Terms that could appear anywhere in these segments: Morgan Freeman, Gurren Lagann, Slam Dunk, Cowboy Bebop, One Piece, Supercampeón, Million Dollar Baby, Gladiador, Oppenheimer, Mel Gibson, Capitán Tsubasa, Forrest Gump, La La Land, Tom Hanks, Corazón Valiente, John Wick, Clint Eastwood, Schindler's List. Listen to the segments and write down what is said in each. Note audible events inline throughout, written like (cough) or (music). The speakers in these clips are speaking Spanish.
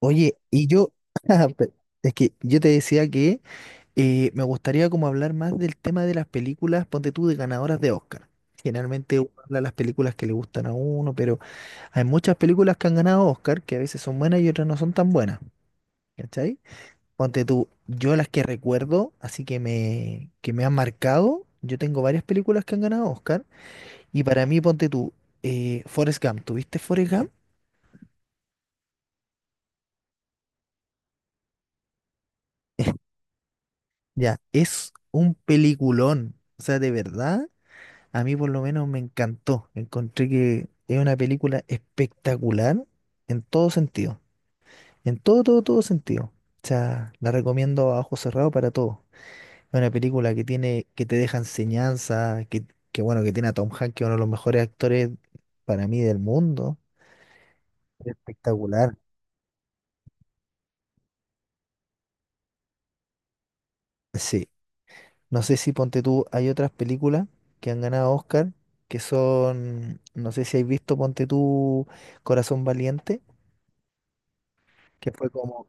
Oye, y yo, (laughs) pe- es que yo te decía que me gustaría como hablar más del tema de las películas, ponte tú, de ganadoras de Oscar. Generalmente uno habla de las películas que le gustan a uno, pero hay muchas películas que han ganado Oscar que a veces son buenas y otras no son tan buenas, ¿cachai? Ponte tú, yo las que recuerdo, así que me han marcado, yo tengo varias películas que han ganado Oscar, y para mí, ponte tú, Forrest Gump, ¿tuviste Forrest Gump? (laughs) Ya, es un peliculón. O sea, de verdad, a mí por lo menos me encantó. Encontré que es una película espectacular en todo sentido. En todo, todo, todo sentido. O sea, la recomiendo a ojos cerrados para todo. Es una película que tiene, que te deja enseñanza, que bueno, que tiene a Tom Hanks, que es uno de los mejores actores para mí del mundo. Espectacular. Sí. No sé si ponte tú, hay otras películas que han ganado Oscar, que son, no sé si has visto, ponte tú, Corazón Valiente, que fue como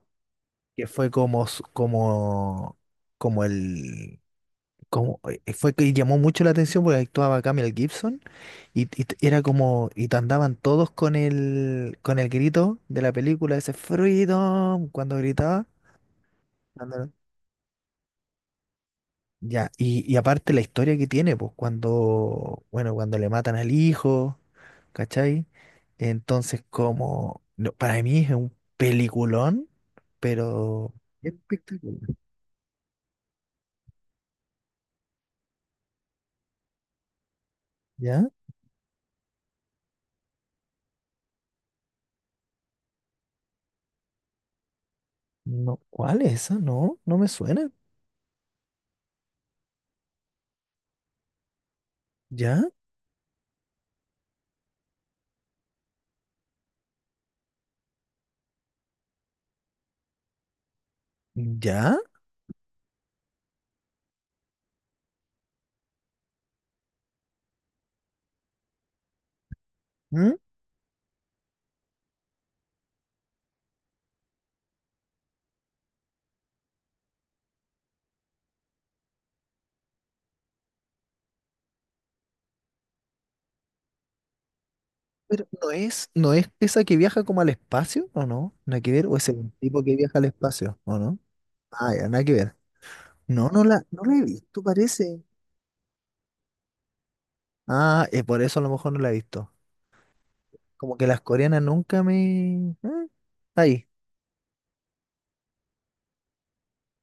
que fue como, s- como, como el, como, fue que llamó mucho la atención porque actuaba Camel Gibson era como, andaban todos con con el grito de la película, ese Freedom, cuando gritaba. cuando- Ya, y aparte la historia que tiene, pues cuando, bueno, cuando le matan al hijo, ¿cachai? Entonces, como, no, para mí es un peliculón, pero espectacular, ¿ya? No, ¿cuál es esa? No, no me suena. ¿Ya? ¿Ya? ¿Mm? Pero no es esa que viaja como al espacio, ¿o no? Nada que ver, o es el tipo que viaja al espacio, ¿o no? Ah, ya, nada que ver. No, no la he visto, parece. Ah, por eso a lo mejor no la he visto. Como que las coreanas nunca me. Ah, ahí.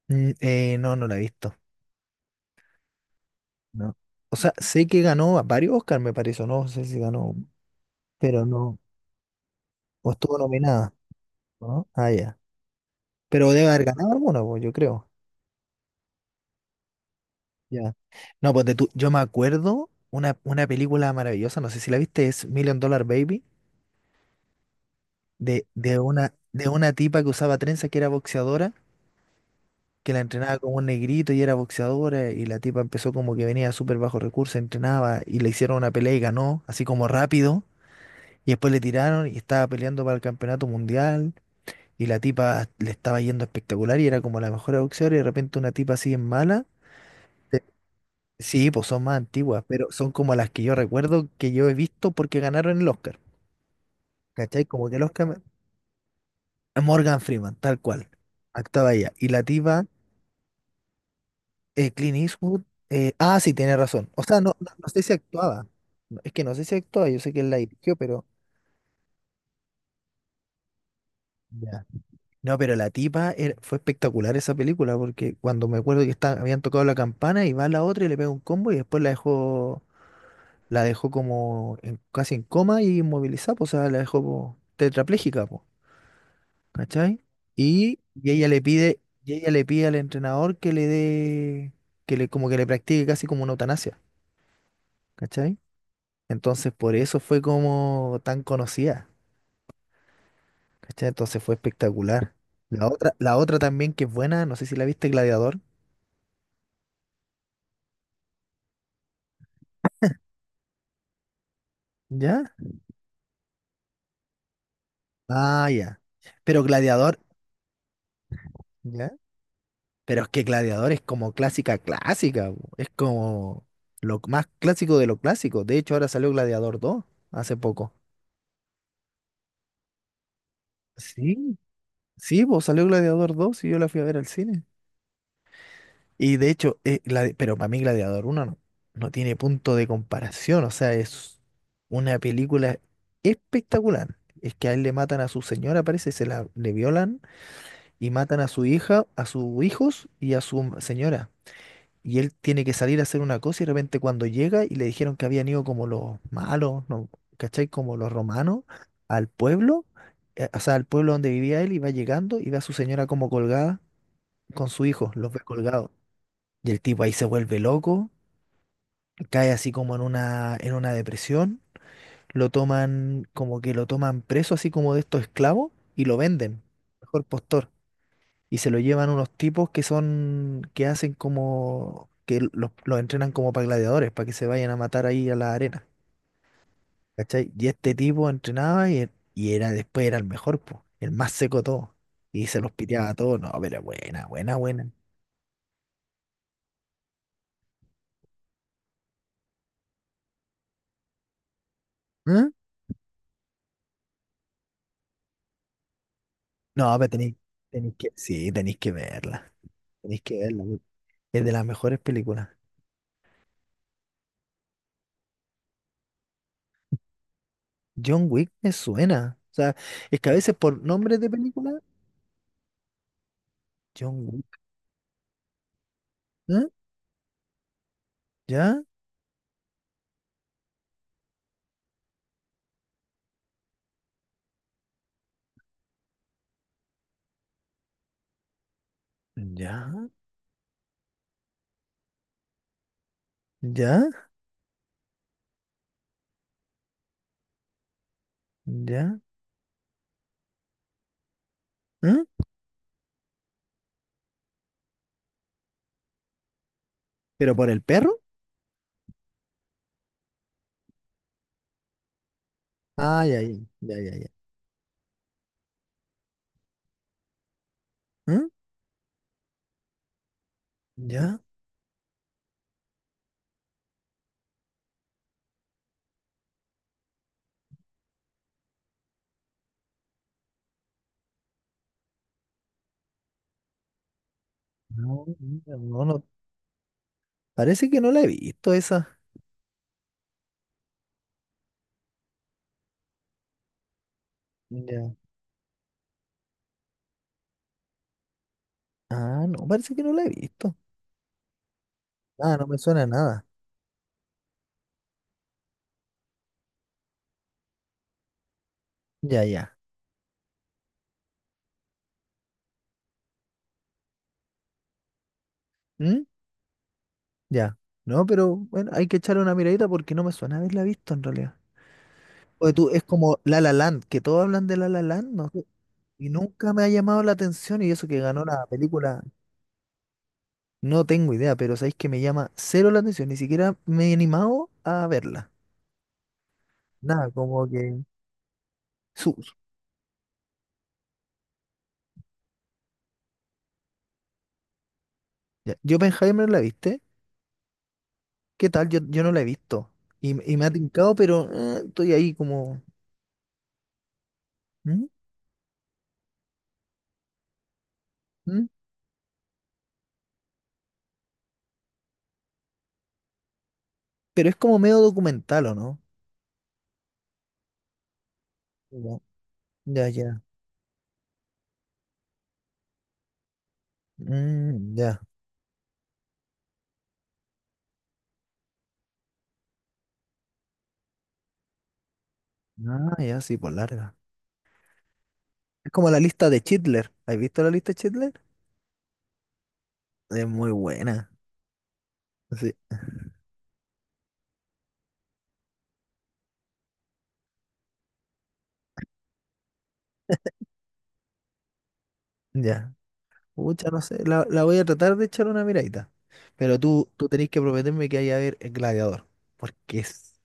Mm, no, no la he visto. No. O sea, sé que ganó a varios Oscar, me parece, o no sé si ganó, pero no. O estuvo nominada, ¿no? Ah, ya. Pero debe haber ganado alguno, pues, yo creo. Ya. No, pues yo me acuerdo una película maravillosa, no sé si la viste, es Million Dollar Baby, de de una tipa que usaba trenza que era boxeadora, que la entrenaba como un negrito y era boxeadora, y la tipa empezó como que venía súper bajo recurso, entrenaba y le hicieron una pelea y ganó, así como rápido, y después le tiraron y estaba peleando para el campeonato mundial, y la tipa le estaba yendo espectacular y era como la mejor boxeadora, y de repente una tipa así en mala. Sí, pues son más antiguas, pero son como las que yo recuerdo que yo he visto porque ganaron el Oscar. ¿Cachai? Como que el Oscar... Morgan Freeman, tal cual. Actuaba ella. Y la tipa, Clint Eastwood. Sí, tiene razón. O sea, no, no sé si actuaba. No, es que no sé si actuaba, yo sé que él la dirigió, pero... Ya. No, pero la tipa fue espectacular esa película porque cuando me acuerdo que habían tocado la campana y va la otra y le pega un combo y después la dejó como casi en coma y inmovilizada, pues, o sea, la dejó po, tetrapléjica, pues. ¿Cachai? Y ella le pide, y ella le pide al entrenador que le dé, que le, como que le practique casi como una eutanasia, ¿cachai? Entonces por eso fue como tan conocida, ¿cachai? Entonces fue espectacular. La otra también que es buena, no sé si la viste, Gladiador, ¿ya? Ah, ya. Pero Gladiador, ¿ya? Pero es que Gladiador es como clásica, clásica, po. Es como lo más clásico de lo clásico. De hecho, ahora salió Gladiador dos hace poco. Sí. Sí, pues salió Gladiador dos y yo la fui a ver al cine. Y de hecho, pero para mí Gladiador uno no, no tiene punto de comparación. O sea, es una película espectacular. Es que a él le matan a su señora, parece, se la le violan y matan a su hija, a sus hijos y a su señora. Y él tiene que salir a hacer una cosa y de repente cuando llega y le dijeron que habían ido como los malos, ¿no? ¿Cachai? Como los romanos al pueblo, o sea, al pueblo donde vivía él y va llegando y ve a su señora como colgada con su hijo, los ve colgados. Y el tipo ahí se vuelve loco, cae así como en en una depresión, lo toman, como que lo toman preso, así como de estos esclavos, y lo venden, mejor postor. Y se lo llevan unos tipos que son, que hacen como, que los entrenan como para gladiadores, para que se vayan a matar ahí a la arena. ¿Cachai? Y este tipo entrenaba y era, después era el mejor, po, el más seco de todo. Y se los piteaba a todos. No, pero buena, buena, buena. ¿Eh? No, pero tenéis, tenéis que, sí, tenéis que verla, tenéis que verla. Porque es de las mejores películas. John Wick me suena. O sea, es que a veces por nombres de películas, John Wick, ¿eh? ¿Ya? ¿Ya? ¿Ya? ¿Ya? ¿Eh? ¿Pero por el perro? Ah, ya, ya, ya, ya, ya. ¿Eh? ¿Ya? No, mira, no, no. Parece que no la he visto esa. Ya. Ah, no, parece que no la he visto. Ah, no me suena a nada. Ya, ya. ¿Mm? Ya. No, pero bueno, hay que echarle una miradita porque no me suena haberla visto en realidad. Oye, tú, es como La La Land, que todos hablan de La La Land, no sé, y nunca me ha llamado la atención y eso que ganó la película, no tengo idea, pero sabéis que me llama cero la atención, ni siquiera me he animado a verla. Nada, como que... Su, su- ya. Oppenheimer la viste, ¿qué tal? Yo no la he visto y me ha tincado, pero estoy ahí como... ¿Mm? ¿Mm? Pero es como medio documental, ¿o no? Ya, ya, ya. Mm, ya. Ah, ya, sí, por larga. Es como la lista de Chitler. ¿Has visto la lista de Chitler? Es muy buena. Sí, ya. Pucha, no sé. La voy a tratar de echar una miradita. Pero tú tenés que prometerme que vaya a ver El Gladiador. Porque es.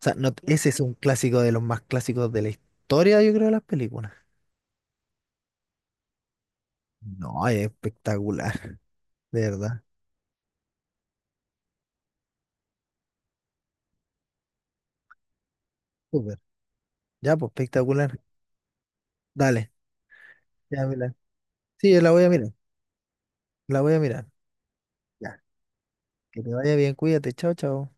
O sea, no, ese es un clásico de los más clásicos de la historia, yo creo, de las películas. No, es espectacular, de verdad. Súper. Ya, pues espectacular. Dale. Ya, Mila. Sí, la voy a mirar. La voy a mirar. Ya. Que te vaya bien, cuídate. Chao, chao.